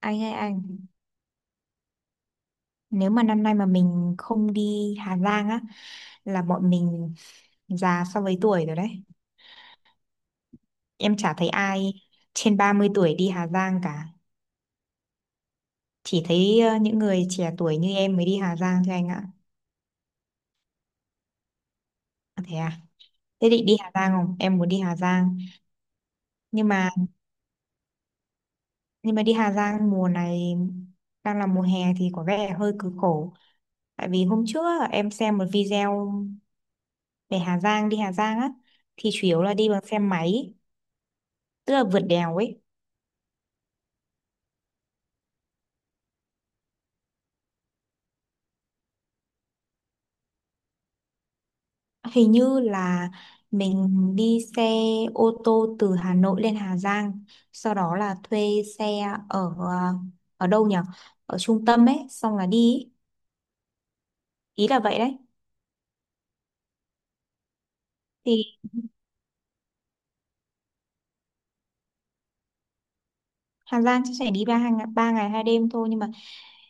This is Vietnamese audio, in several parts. Anh ơi anh, nếu mà năm nay mà mình không đi Hà Giang á là bọn mình già so với tuổi rồi đấy. Em chả thấy ai trên 30 tuổi đi Hà Giang cả, chỉ thấy những người trẻ tuổi như em mới đi Hà Giang thôi anh ạ. À, thế à? Thế định đi Hà Giang không, em muốn đi Hà Giang. Nhưng mà nhưng mà đi Hà Giang mùa này đang là mùa hè thì có vẻ hơi cực khổ. Tại vì hôm trước á, em xem một video về Hà Giang, đi Hà Giang á thì chủ yếu là đi bằng xe máy, tức là vượt đèo ấy. Hình như là mình đi xe ô tô từ Hà Nội lên Hà Giang, sau đó là thuê xe ở ở đâu nhỉ, ở trung tâm ấy xong là đi. Ý là vậy đấy. Thì Hà Giang chắc sẽ đi 3 ngày, 3 ngày 2 đêm thôi, nhưng mà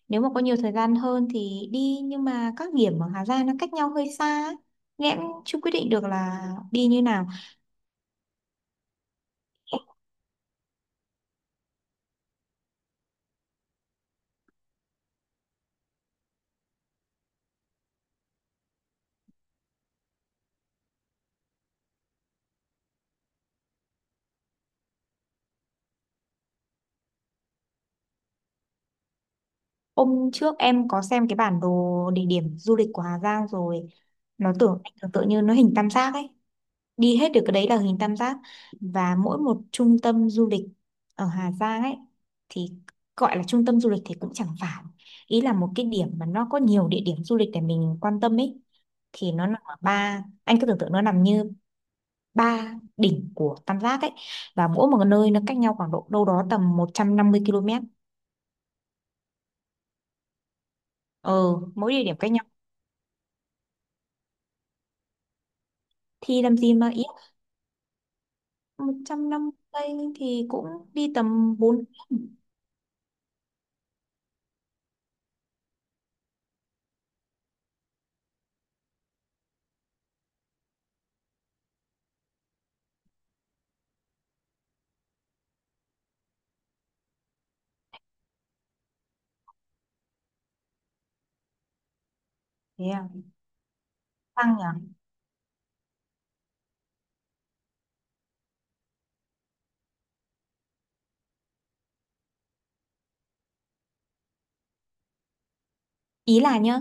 nếu mà có nhiều thời gian hơn thì đi, nhưng mà các điểm ở Hà Giang nó cách nhau hơi xa ấy. Nên em cũng chưa quyết định được là đi như nào. Hôm trước em có xem cái bản đồ địa điểm du lịch của Hà Giang rồi. Nó tưởng anh tưởng tượng như nó hình tam giác ấy, đi hết được cái đấy là hình tam giác. Và mỗi một trung tâm du lịch ở Hà Giang ấy thì, gọi là trung tâm du lịch thì cũng chẳng phải, ý là một cái điểm mà nó có nhiều địa điểm du lịch để mình quan tâm ấy, thì nó nằm ở ba, anh cứ tưởng tượng nó nằm như ba đỉnh của tam giác ấy. Và mỗi một nơi nó cách nhau khoảng độ đâu đó tầm 150 km. Ờ, mỗi địa điểm cách nhau thì làm gì mà ý, 150 thì cũng đi tầm bốn. Thế à, tăng nhỉ. Ý là nhá,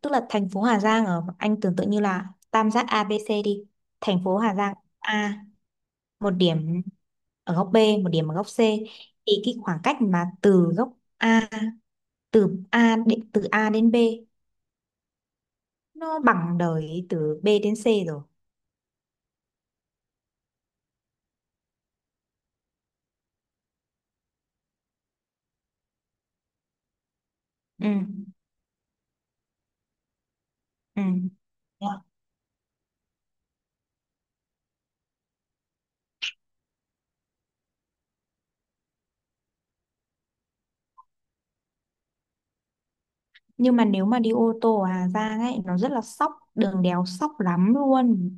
tức là thành phố Hà Giang ở, anh tưởng tượng như là tam giác ABC đi. Thành phố Hà Giang A, một điểm ở góc B, một điểm ở góc C. Thì cái khoảng cách mà từ góc A, từ A đến B nó bằng đời từ B đến C rồi. Ừ. Ừ. Thế à? Nhưng mà nếu mà đi ô tô ở Hà Giang ấy nó rất là sóc, đường đèo sóc lắm luôn.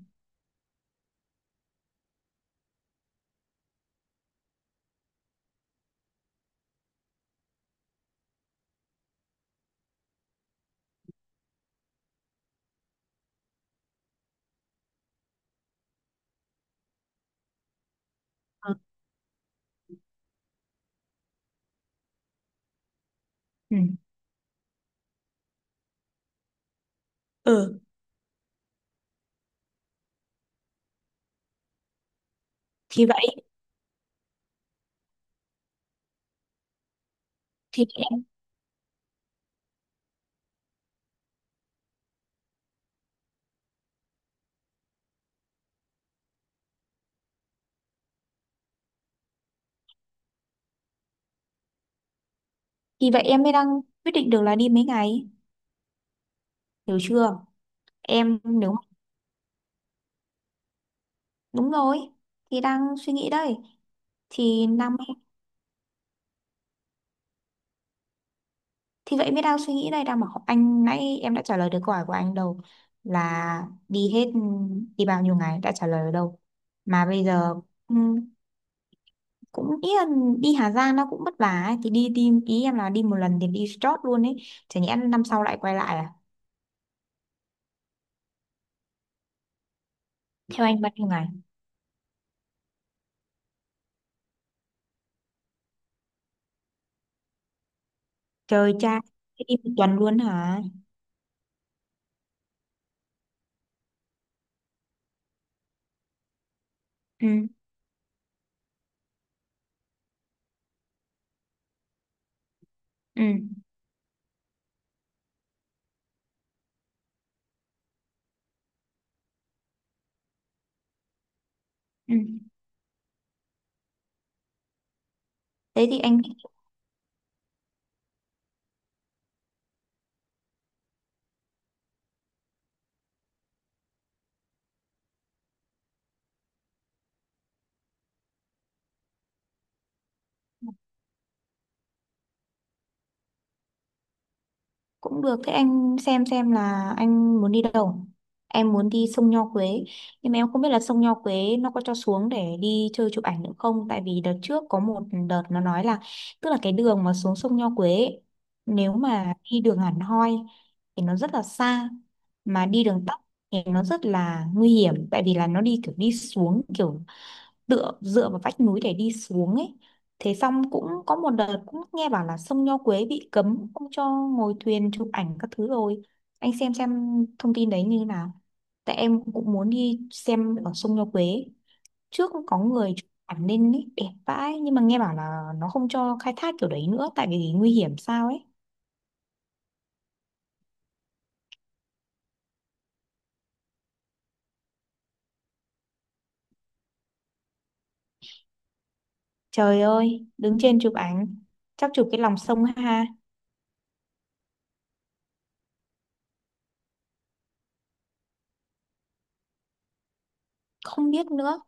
Ừ. Ừ. Thì vậy thì em, thì vậy em mới đang quyết định được là đi mấy ngày, hiểu chưa. Em nếu, đúng rồi, thì đang suy nghĩ đây. Thì năm, thì vậy mới đang suy nghĩ đây, đang bảo anh nãy em đã trả lời được câu hỏi của anh đâu, là đi hết, đi bao nhiêu ngày đã trả lời ở đâu mà bây giờ. ừm, Cũng ý là đi Hà Giang nó cũng vất vả ấy. Thì đi đi ý em là đi một lần thì đi chót luôn ấy, chả nhẽ năm sau lại quay lại à. Theo anh bao nhiêu ngày? Trời cha, thế đi một tuần luôn hả? Ừ. Ừ. Ừ. Thế thì anh, cũng được. Thế anh xem là anh muốn đi đâu. Em muốn đi sông Nho Quế. Nhưng mà em không biết là sông Nho Quế nó có cho xuống để đi chơi chụp ảnh nữa không. Tại vì đợt trước có một đợt nó nói là, tức là cái đường mà xuống sông Nho Quế ấy, nếu mà đi đường hẳn hoi thì nó rất là xa. Mà đi đường tắt thì nó rất là nguy hiểm. Tại vì là nó đi kiểu đi xuống kiểu tựa dựa vào vách núi để đi xuống ấy. Thế xong cũng có một đợt cũng nghe bảo là sông Nho Quế bị cấm không cho ngồi thuyền chụp ảnh các thứ rồi. Anh xem thông tin đấy như thế nào, tại em cũng muốn đi xem ở sông Nho Quế. Trước cũng có người chụp ảnh lên ấy đẹp vãi, nhưng mà nghe bảo là nó không cho khai thác kiểu đấy nữa tại vì nguy hiểm sao ấy. Trời ơi, đứng trên chụp ảnh chắc chụp cái lòng sông ha. Không biết nữa,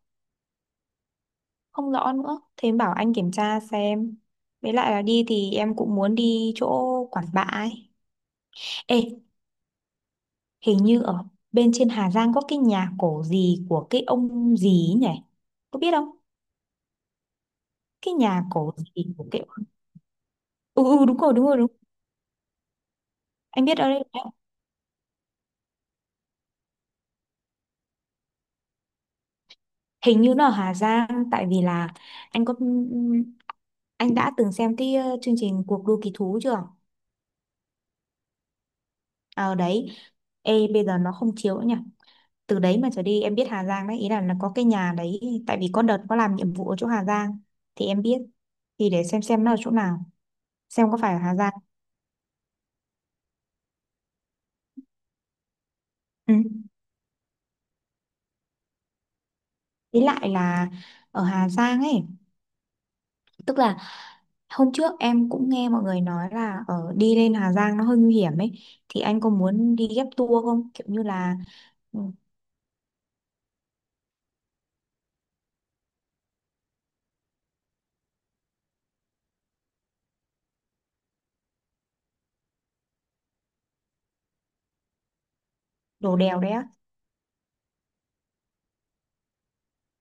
không rõ nữa, thế em bảo anh kiểm tra xem. Với lại là đi thì em cũng muốn đi chỗ Quản Bạ ấy. Ê, hình như ở bên trên Hà Giang có cái nhà cổ gì của cái ông gì ấy nhỉ, có biết không? Cái nhà cổ gì của cái, ừ, ừ đúng rồi, đúng rồi, đúng. Anh biết ở đây. Hình như nó ở Hà Giang tại vì là anh có, anh đã từng xem cái chương trình cuộc đua kỳ thú chưa? Ở đấy. Ê bây giờ nó không chiếu nữa nhỉ. Từ đấy mà trở đi em biết Hà Giang đấy, ý là có cái nhà đấy. Tại vì có đợt có làm nhiệm vụ ở chỗ Hà Giang thì em biết. Thì để xem nó ở chỗ nào, xem có phải ở Hà Giang. Ừ. Ý lại là ở Hà Giang ấy, tức là hôm trước em cũng nghe mọi người nói là ở đi lên Hà Giang nó hơi nguy hiểm ấy, thì anh có muốn đi ghép tour không kiểu như là. Ừ, đổ đèo đấy á.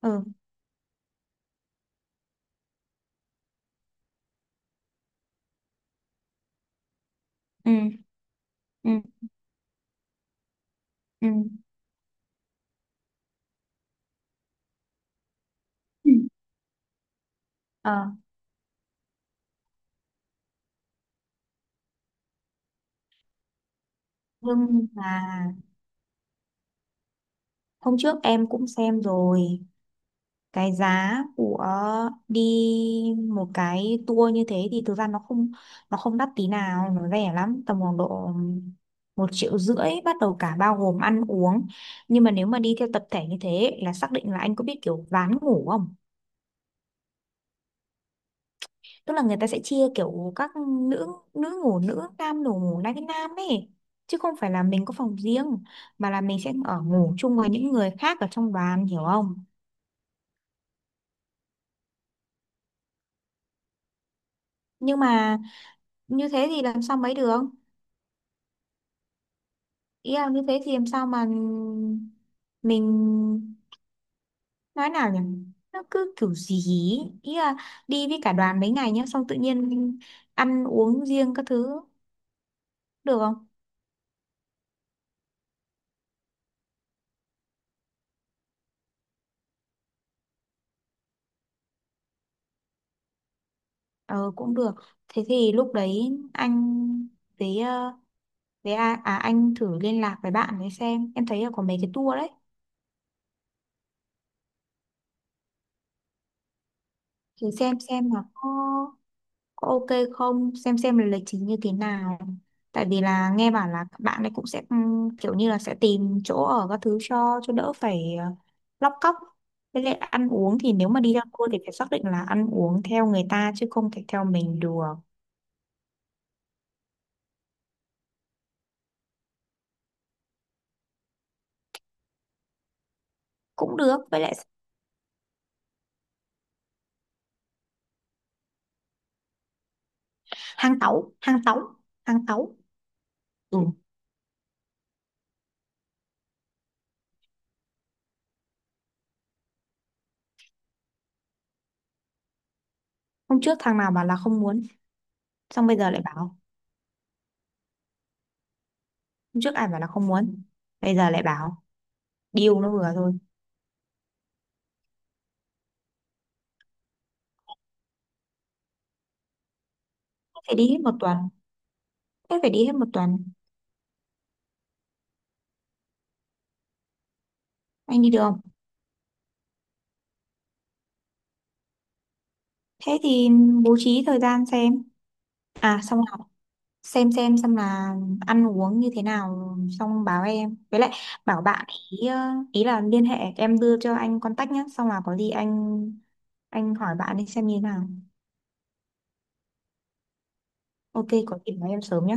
Ừ. Ừ. Ừ. Ừ. Ừ. Ờ nhưng mà hôm trước em cũng xem rồi cái giá của đi một cái tour như thế thì thực ra nó không, nó không đắt tí nào, nó rẻ lắm tầm khoảng độ 1,5 triệu bắt đầu cả bao gồm ăn uống. Nhưng mà nếu mà đi theo tập thể như thế là xác định là, anh có biết kiểu ván ngủ không? Tức là người ta sẽ chia kiểu các nữ, nữ ngủ nữ, nam ngủ ngủ nam với nam ấy, chứ không phải là mình có phòng riêng, mà là mình sẽ ở ngủ chung với những người khác ở trong đoàn, hiểu không? Nhưng mà như thế thì làm sao mấy được. Ý là như thế thì làm sao mà mình, nói nào nhỉ, nó cứ kiểu gì ý. Ý là đi với cả đoàn mấy ngày nhá xong tự nhiên ăn uống riêng các thứ được không? Ờ cũng được. Thế thì lúc đấy anh với với anh thử liên lạc với bạn để xem, em thấy là có mấy cái tour đấy. Thử xem là có ok không, xem xem là lịch trình như thế nào. Tại vì là nghe bảo là các bạn ấy cũng sẽ kiểu như là sẽ tìm chỗ ở các thứ cho đỡ phải lóc cóc. Với lại ăn uống thì nếu mà đi ra cua thì phải xác định là ăn uống theo người ta chứ không thể theo mình được. Cũng được. Với lại hàng tấu hàng tấu hàng tấu. Ừ. Hôm trước thằng nào bảo là không muốn, xong bây giờ lại bảo. Hôm trước ai bảo là không muốn, bây giờ lại bảo. Điều nó vừa thôi. Phải đi hết một tuần. Thế phải đi hết một tuần. Anh đi được không? Thế thì bố trí thời gian xem. À xong là xem xem là ăn uống như thế nào xong báo em. Với lại bảo bạn, ý ờ, ý là liên hệ, em đưa cho anh contact nhé, xong là có gì anh hỏi bạn đi xem như thế nào. Ok có gì nói em sớm nhé.